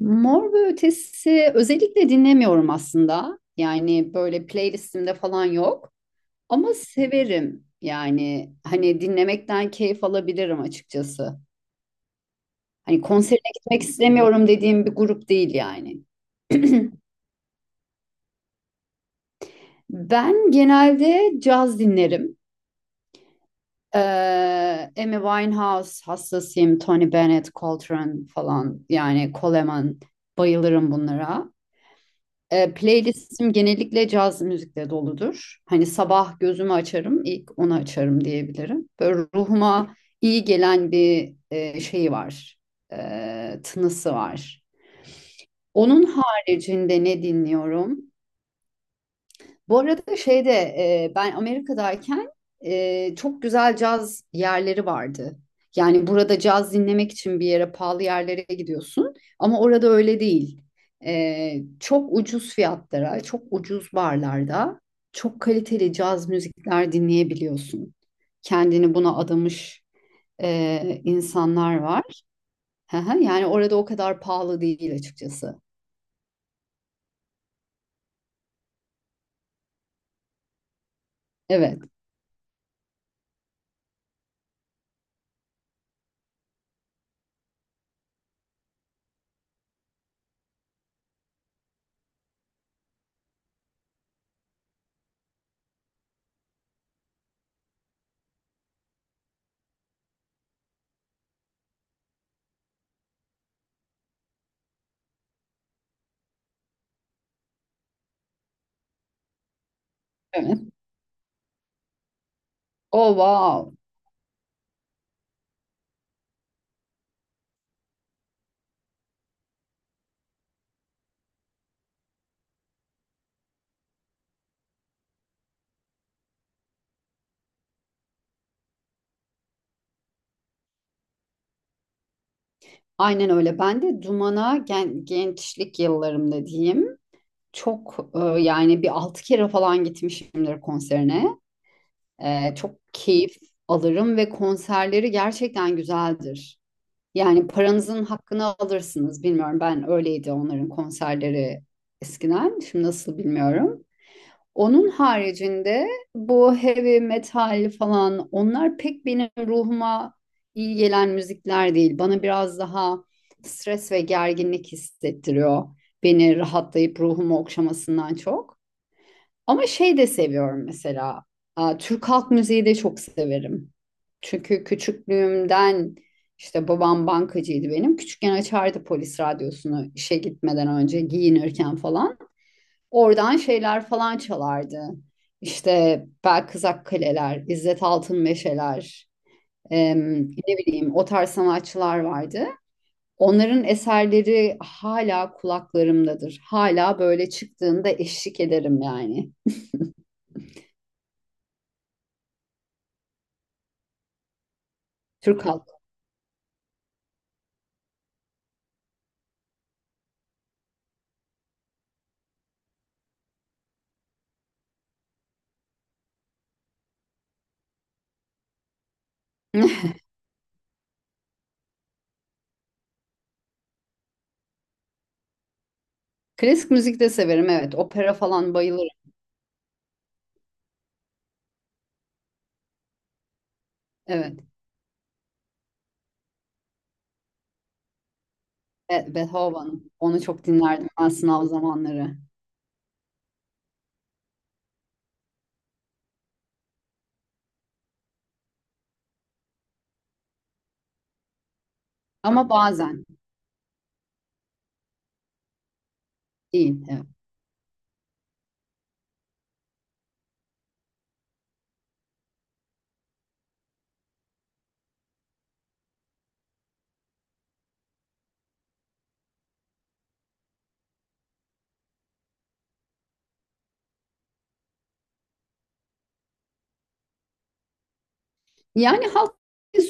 Mor ve Ötesi özellikle dinlemiyorum aslında. Böyle playlistimde falan yok. Ama severim. Hani dinlemekten keyif alabilirim açıkçası. Hani konserine gitmek istemiyorum dediğim bir grup değil yani. Ben genelde caz dinlerim. Ee, Amy Winehouse hastasıyım. Tony Bennett, Coltrane falan yani Coleman bayılırım bunlara. Playlistim genellikle caz müzikle doludur. Hani sabah gözümü açarım, ilk onu açarım diyebilirim. Böyle ruhuma iyi gelen bir şeyi var, tınısı var. Onun haricinde ne dinliyorum? Bu arada ben Amerika'dayken çok güzel caz yerleri vardı. Yani burada caz dinlemek için bir yere pahalı yerlere gidiyorsun ama orada öyle değil. Çok ucuz fiyatlara, çok ucuz barlarda çok kaliteli caz müzikler dinleyebiliyorsun. Kendini buna adamış insanlar var. Hı hı, yani orada o kadar pahalı değil açıkçası. Evet, evet. Oh wow. Aynen öyle. Ben de Duman'a gençlik yıllarımda diyeyim. Çok yani bir altı kere falan gitmişimdir konserine. Çok keyif alırım ve konserleri gerçekten güzeldir. Yani paranızın hakkını alırsınız. Bilmiyorum ben öyleydi onların konserleri eskiden. Şimdi nasıl bilmiyorum. Onun haricinde bu heavy metal falan onlar pek benim ruhuma iyi gelen müzikler değil. Bana biraz daha stres ve gerginlik hissettiriyor. Beni rahatlayıp ruhumu okşamasından çok. Ama şey de seviyorum mesela. Aa, Türk halk müziği de çok severim. Çünkü küçüklüğümden işte babam bankacıydı benim. Küçükken açardı polis radyosunu işe gitmeden önce giyinirken falan. Oradan şeyler falan çalardı. İşte Belkızak Kaleler, İzzet Altın Meşeler, ne bileyim o tarz sanatçılar vardı. Onların eserleri hala kulaklarımdadır. Hala böyle çıktığında eşlik ederim yani. Türk halk. Klasik müzik de severim, evet. Opera falan bayılırım. Evet. Beethoven. Onu çok dinlerdim ben sınav zamanları. Ama bazen değil. Evet. Yani halk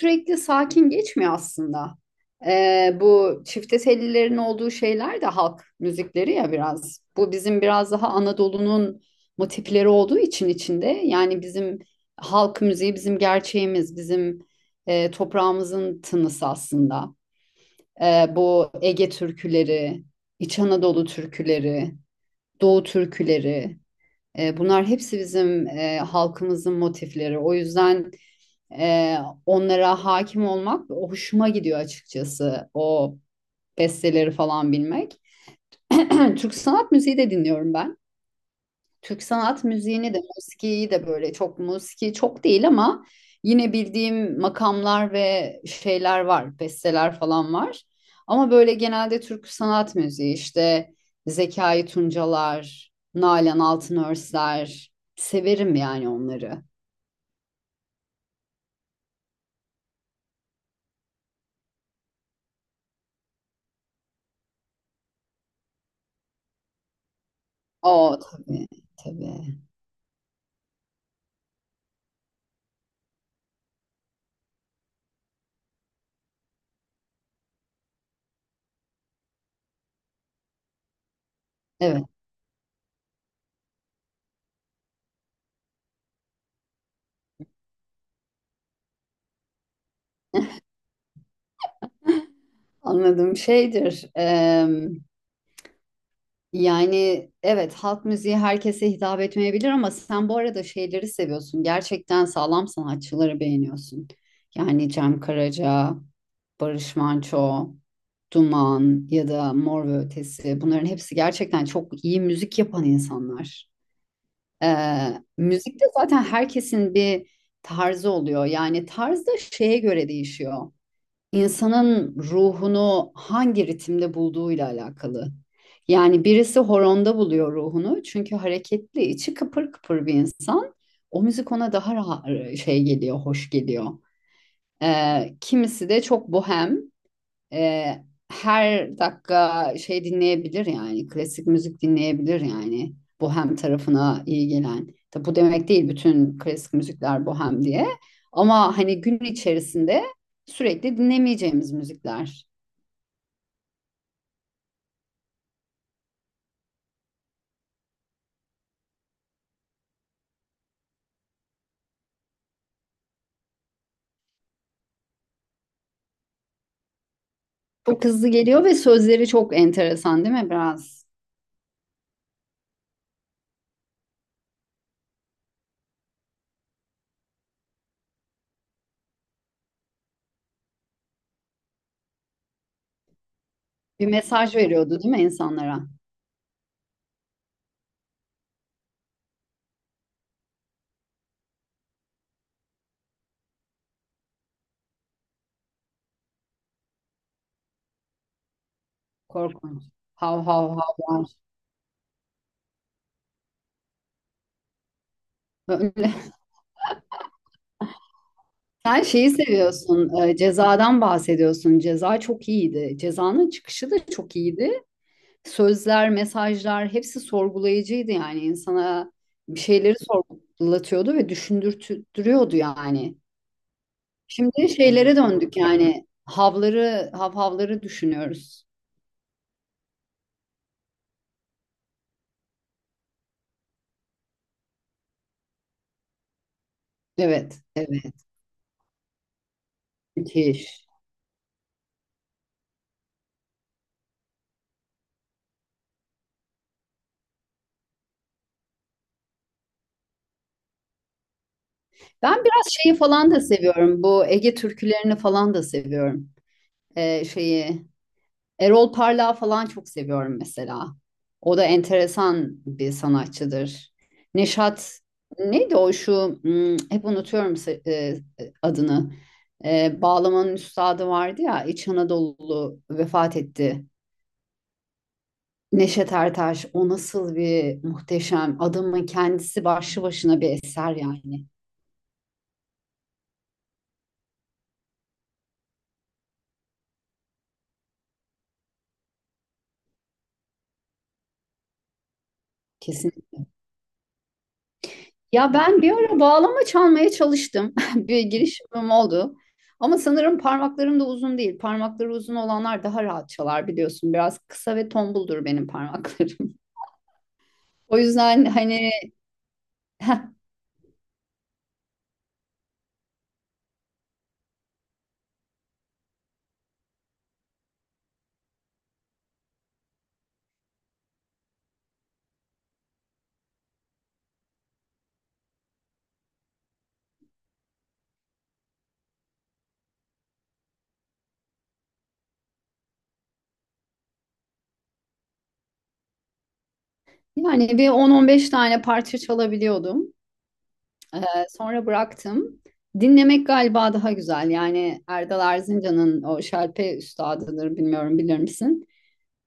sürekli sakin geçmiyor aslında. Bu çifte tellilerin olduğu şeyler de halk müzikleri ya biraz. Bu bizim biraz daha Anadolu'nun motifleri olduğu için içinde. Yani bizim halk müziği bizim gerçeğimiz, bizim toprağımızın tınısı aslında. Bu Ege türküleri, İç Anadolu türküleri, Doğu türküleri, bunlar hepsi bizim halkımızın motifleri. O yüzden... Ee, Onlara hakim olmak hoşuma gidiyor açıkçası. O besteleri falan bilmek. Türk sanat müziği de dinliyorum ben. Türk sanat müziğini de, musikiyi de böyle çok musiki çok değil ama yine bildiğim makamlar ve şeyler var, besteler falan var. Ama böyle genelde Türk sanat müziği işte Zekai Tuncalar, Nalan Altınörsler severim yani onları. O tabii tabii. Evet. Anladığım şeydir. Yani evet halk müziği herkese hitap etmeyebilir ama sen bu arada şeyleri seviyorsun. Gerçekten sağlam sanatçıları beğeniyorsun. Yani Cem Karaca, Barış Manço, Duman ya da Mor ve Ötesi bunların hepsi gerçekten çok iyi müzik yapan insanlar. Müzikte zaten herkesin bir tarzı oluyor. Yani tarz da şeye göre değişiyor, insanın ruhunu hangi ritimde bulduğuyla alakalı. Yani birisi horonda buluyor ruhunu çünkü hareketli, içi kıpır kıpır bir insan. O müzik ona daha rahat şey geliyor, hoş geliyor. Kimisi de çok bohem e, her dakika şey dinleyebilir yani klasik müzik dinleyebilir yani bohem tarafına iyi gelen. Tabi bu demek değil bütün klasik müzikler bohem diye. Ama hani gün içerisinde sürekli dinlemeyeceğimiz müzikler. Çok hızlı geliyor ve sözleri çok enteresan değil mi biraz? Bir mesaj veriyordu değil mi insanlara? Korkunç. Hav hav hav. Böyle. Sen şeyi seviyorsun, cezadan bahsediyorsun. Ceza çok iyiydi. Cezanın çıkışı da çok iyiydi. Sözler, mesajlar hepsi sorgulayıcıydı yani insana bir şeyleri sorgulatıyordu ve düşündürtüyordu yani. Şimdi şeylere döndük yani havları, havhavları düşünüyoruz. Evet, evet. Müthiş. Ben biraz şeyi falan da seviyorum. Bu Ege türkülerini falan da seviyorum. Şeyi Erol Parlak'ı falan çok seviyorum mesela. O da enteresan bir sanatçıdır. Neşat neydi o şu hmm, hep unutuyorum adını. Bağlamanın üstadı vardı ya İç Anadolu vefat etti. Neşet Ertaş, o nasıl bir muhteşem adamın kendisi, başlı başına bir eser yani. Kesin. Ya ben bir ara bağlama çalmaya çalıştım. Bir girişimim oldu. Ama sanırım parmaklarım da uzun değil. Parmakları uzun olanlar daha rahat çalar biliyorsun. Biraz kısa ve tombuldur benim parmaklarım. O yüzden hani yani bir 10-15 tane parça çalabiliyordum. Ee, Sonra bıraktım. Dinlemek galiba daha güzel. Yani Erdal Erzincan'ın o şalpe üstadıdır, bilmiyorum bilir misin?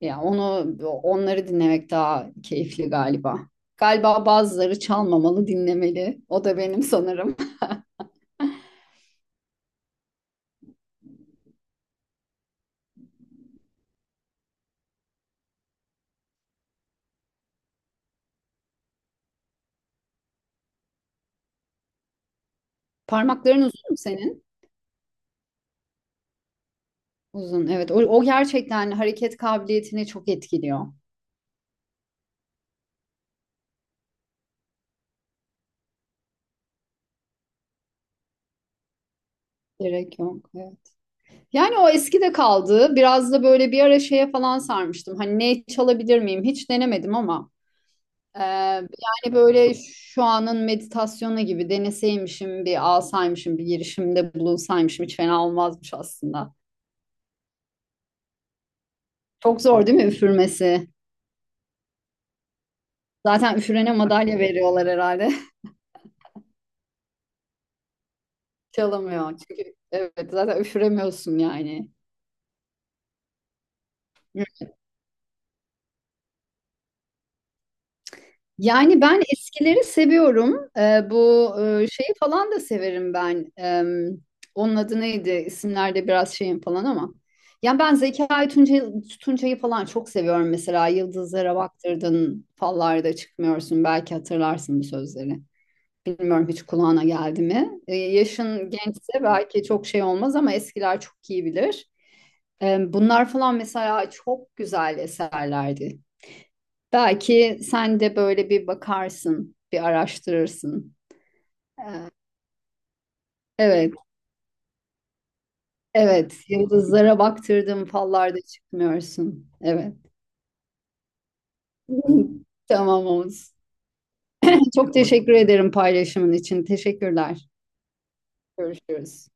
Ya onu onları dinlemek daha keyifli galiba. Galiba bazıları çalmamalı, dinlemeli. O da benim sanırım. Parmakların uzun mu senin? Uzun. Evet. O gerçekten hareket kabiliyetini çok etkiliyor. Gerek yok. Evet. Yani o eski de kaldı. Biraz da böyle bir ara şeye falan sarmıştım. Hani ne çalabilir miyim? Hiç denemedim ama. Yani böyle şu anın meditasyonu gibi deneseymişim, bir alsaymışım, bir girişimde bulunsaymışım hiç fena olmazmış aslında. Çok zor değil mi üfürmesi? Zaten üfürene madalya veriyorlar herhalde. Çalamıyor. Çünkü evet zaten üfüremiyorsun yani. Yani ben eskileri seviyorum. Şeyi falan da severim ben. Onun adı neydi? İsimlerde biraz şeyim falan ama. Yani ben Tuncay'ı falan çok seviyorum mesela. Yıldızlara baktırdın, fallarda çıkmıyorsun. Belki hatırlarsın bu sözleri. Bilmiyorum, hiç kulağına geldi mi? Yaşın gençse belki çok şey olmaz ama eskiler çok iyi bilir. Bunlar falan mesela çok güzel eserlerdi. Belki sen de böyle bir bakarsın, bir araştırırsın. Ee, evet, evet. Yıldızlara baktırdım, fallarda çıkmıyorsun. Evet. Tamam Oğuz. Çok teşekkür ederim paylaşımın için. Teşekkürler. Görüşürüz.